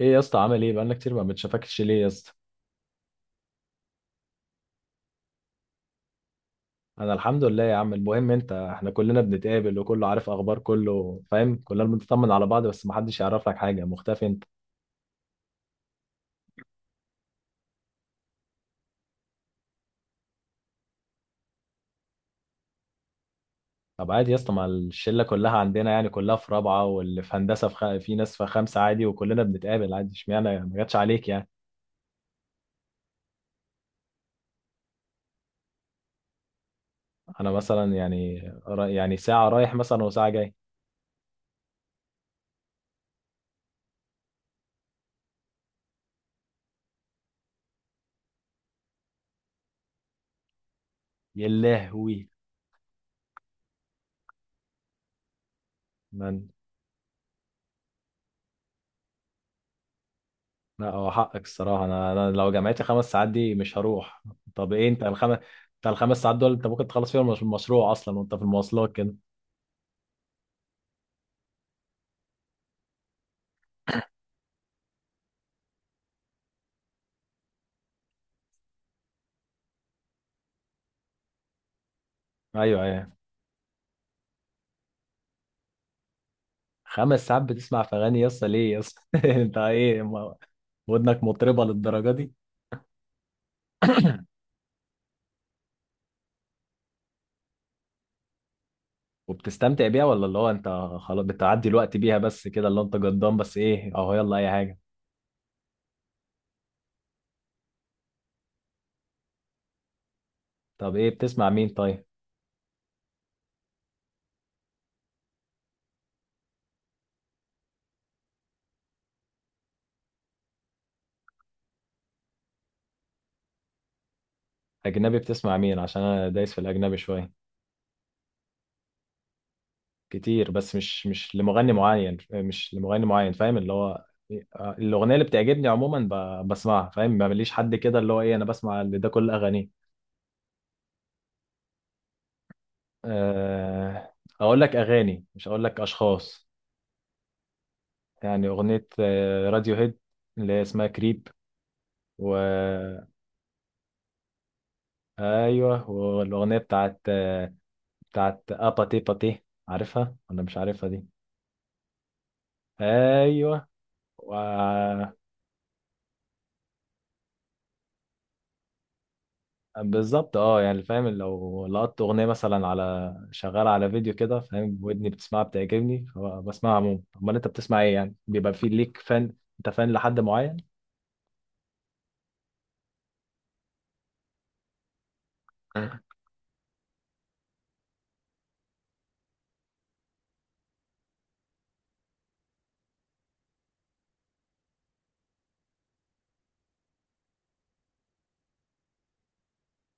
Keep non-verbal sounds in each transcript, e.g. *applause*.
ايه يا اسطى، عامل ايه؟ بقالنا كتير ما بنشافكش، ليه يا اسطى؟ انا الحمد لله يا عم. المهم انت، احنا كلنا بنتقابل وكله عارف اخبار، كله فاهم، كلنا بنطمن على بعض، بس ما حدش يعرف لك حاجه، مختفي انت؟ طب عادي يا اسطى، ما الشله كلها عندنا، يعني كلها في رابعه، واللي في هندسه في، في ناس في خمسه عادي، وكلنا بنتقابل عادي، اشمعنى يعني؟ ما جاتش عليك يعني. انا مثلا يعني، يعني ساعه رايح مثلا وساعه جاي. يا لهوي! لا هو حقك الصراحة. أنا لو جامعتي خمس ساعات دي مش هروح. طب إيه؟ أنت الخمس... أنت الخمس ساعات دول، أنت ممكن تخلص فيهم المشروع أصلا وأنت في المواصلات كده. أيوه، أيوه. خمس ساعات بتسمع في أغاني؟ يس ليه يس؟ *laughs* أنت إيه ودنك مطربة للدرجة دي؟ وبتستمتع بيها ولا اللي هو أنت خلاص بتعدي الوقت بيها بس كده؟ اللي هو أنت جدام بس إيه أهو يلا أي حاجة. طب إيه بتسمع مين طيب؟ أجنبي بتسمع مين؟ عشان أنا دايس في الأجنبي شوية. كتير، بس مش لمغني معين، مش لمغني معين، فاهم اللي هو... الاغنيه اللي بتعجبني عموما بسمعها، فاهم ما ماليش حد كده اللي هو ايه، انا بسمع اللي ده كل اغانيه. آه، اقول لك اغاني مش اقول لك اشخاص. يعني اغنيه راديو هيد، اللي هي اسمها كريب. و... ايوه، والاغنيه بتاعت بتاعت اباتي باتي، عارفها ولا مش عارفها دي؟ ايوه. و... بالظبط اه، يعني فاهم لو لقطت اغنيه مثلا على شغاله على فيديو كده، فاهم ودني بتسمعها بتعجبني فبسمعها عموما. امال انت بتسمع ايه؟ يعني بيبقى في ليك فان؟ انت فان لحد معين؟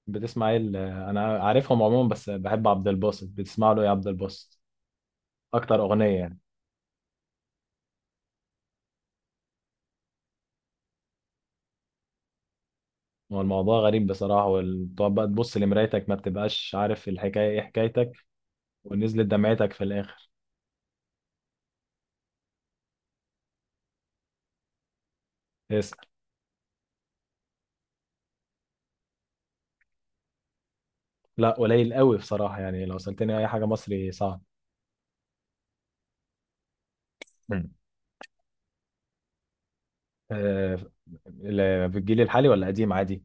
بتسمع ايه انا عارفهم عموما، بس بحب عبد الباسط، بتسمع له ايه عبد الباسط؟ اكتر اغنيه يعني؟ هو الموضوع غريب بصراحه، وتقعد بقى تبص لمرايتك ما بتبقاش عارف الحكايه ايه حكايتك. ونزلت دمعتك في الاخر. اسال. لا قليل قوي بصراحه، يعني لو سالتني اي حاجه مصري صعب. آه، في الجيل الحالي ولا قديم عادي؟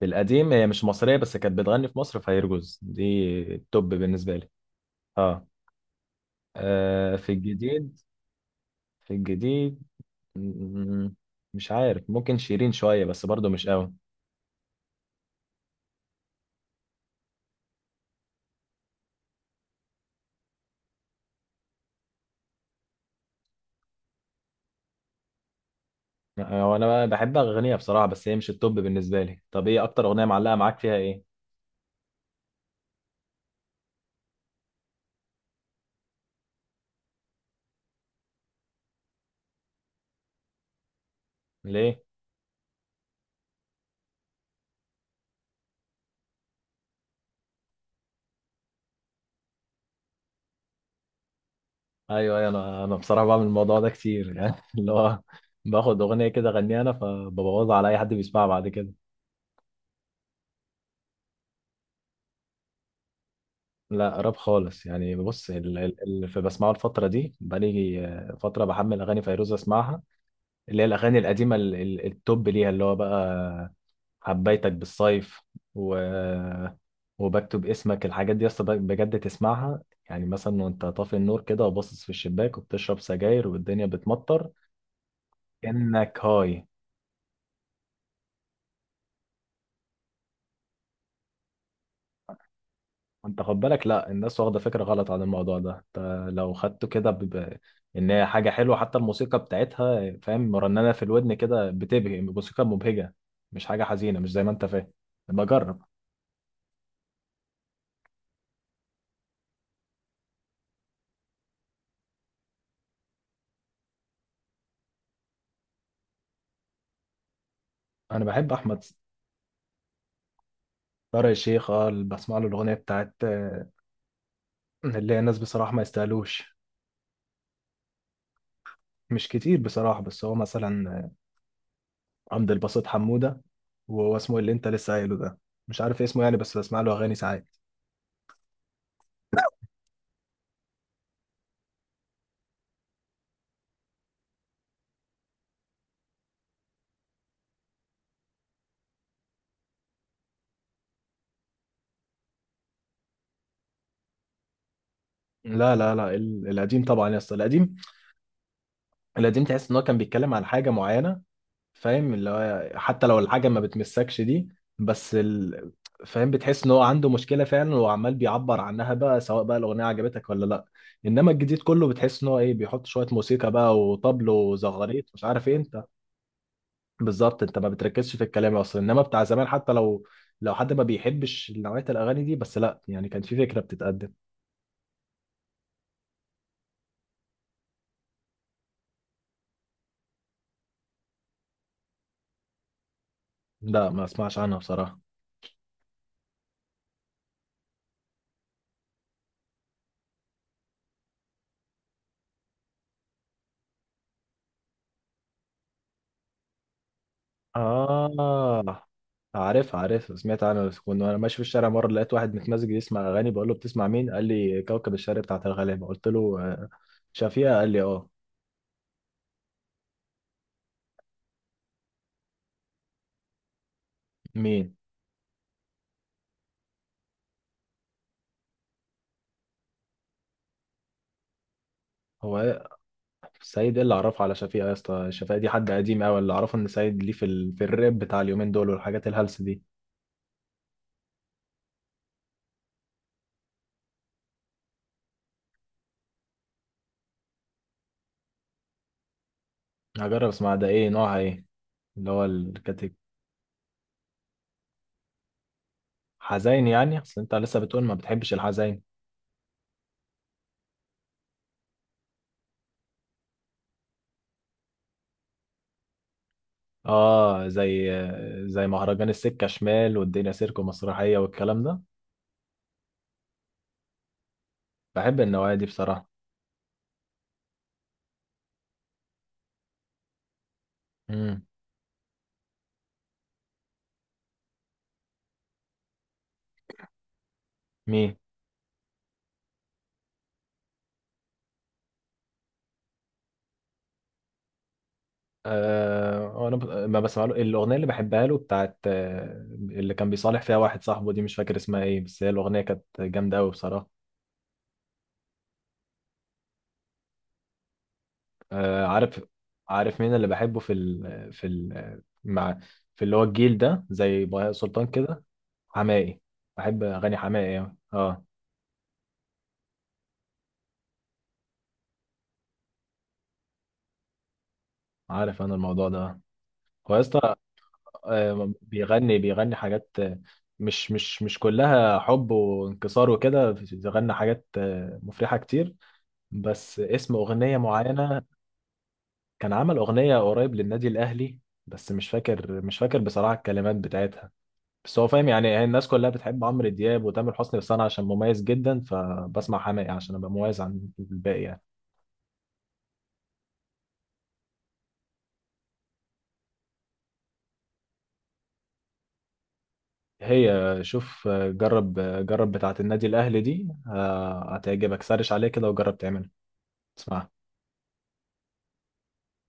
في القديم، هي مش مصرية بس كانت بتغني في مصر، فيرجوز دي. التوب بالنسبة لي. اه. في الجديد. في الجديد... م- مش عارف، ممكن شيرين شوية بس برضو مش قوي. هو انا بحب اغنيها بصراحة بس هي مش التوب بالنسبة لي. طب ايه اكتر اغنية معلقة معاك فيها ايه؟ ليه؟ ايوه، ايوه. انا بصراحة بعمل الموضوع ده كتير *laughs* يعني اللي هو باخد اغنية كده اغنيها انا، فببوظها على اي حد بيسمعها بعد كده. لا راب خالص، يعني بص اللي في بسمعه الفترة دي بقالي فترة بحمل أغاني فيروز أسمعها. اللي هي الأغاني القديمة التوب ليها اللي هو بقى حبيتك بالصيف. و... وبكتب اسمك، الحاجات دي أصلا بجد تسمعها. يعني مثلا وأنت طافي النور كده وباصص في الشباك وبتشرب سجاير والدنيا بتمطر. إنك هاي... انت خد بالك، لا الناس واخده فكره غلط عن الموضوع ده. انت لو خدته كده ان هي حاجه حلوه، حتى الموسيقى بتاعتها فاهم مرنمه في الودن كده، بتبهي، موسيقى مبهجه. مش حاجه حزينه، مش زي ما انت فاهم. بجرب. انا بحب احمد. طارق الشيخ اه، اللي بسمع له الاغنيه بتاعت اللي هي الناس بصراحه ما يستاهلوش. مش كتير بصراحه، بس هو مثلا عبد الباسط حموده، وهو اسمه اللي انت لسه قايله ده، مش عارف اسمه يعني، بس بسمع له اغاني ساعات. لا، لا، لا، القديم طبعا يا اسطى، القديم. القديم تحس ان هو كان بيتكلم عن حاجه معينه، فاهم اللي هو حتى لو الحاجه ما بتمسكش دي. بس فاهم بتحس ان هو عنده مشكله فعلا، وعمال بيعبر عنها بقى، سواء بقى الاغنيه عجبتك ولا لا. انما الجديد كله بتحس ان هو ايه، بيحط شويه موسيقى بقى وطبل وزغاريت مش عارف ايه انت. بالظبط، انت ما بتركزش في الكلام اصلا، انما بتاع زمان حتى لو، لو حد ما بيحبش نوعيه الاغاني دي بس، لا يعني، كان في فكره بتتقدم. لا، ما اسمعش عنها بصراحه. آه عارف، عارف، سمعت عنه. بس كنت وانا ماشي في الشارع مرة لقيت واحد متمزج يسمع أغاني، بقول له بتسمع مين؟ قال لي كوكب الشارع بتاعت الغلابة، قلت له شفيقة، قال لي اه. مين؟ هو إيه؟ سعيد ايه اللي عرفه على شفيقة يا اسطى؟ شفيقة دي حد قديم أوي. اللي أعرفه إن سعيد ليه في، في الراب بتاع اليومين دول والحاجات الهلس دي. هجرب اسمع، ده ايه نوعها ايه؟ اللي هو الكاتيجوري. حزين يعني؟ أصل أنت لسه بتقول ما بتحبش الحزين. اه زي زي مهرجان السكة شمال والدنيا سيرك ومسرحية والكلام ده. بحب النوعية دي بصراحة. امم. مين؟ آه، انا ما بسمع له الاغنيه اللي بحبها له بتاعت اللي كان بيصالح فيها واحد صاحبه، دي مش فاكر اسمها ايه بس هي الاغنيه كانت جامده قوي بصراحه. آه، عارف. عارف مين اللي بحبه في في ال... مع في اللي هو الجيل ده زي بهاء سلطان كده؟ حماقي. بحب اغاني حماقي أوي. اه. عارف انا الموضوع ده. هو يا اسطى بيغني حاجات مش كلها حب وانكسار وكده، بيغني حاجات مفرحة كتير. بس اسم أغنية معينة... كان عمل أغنية قريب للنادي الأهلي، بس مش فاكر بصراحة الكلمات بتاعتها. بس هو فاهم يعني، هي الناس كلها بتحب عمرو دياب وتامر حسني، بس أنا عشان مميز جدا فبسمع حماقي عشان أبقى مميز عن الباقي يعني. هي شوف، جرب بتاعة النادي الأهلي دي، هتعجبك. سرش عليه كده وجرب تعملها. اسمعها.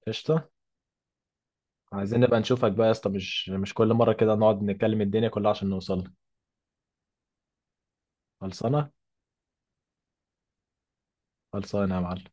قشطة. عايزين نبقى نشوفك بقى يا اسطى، مش كل مرة كده نقعد نتكلم الدنيا كلها عشان نوصل. خلصانة. خلصانة يا معلم.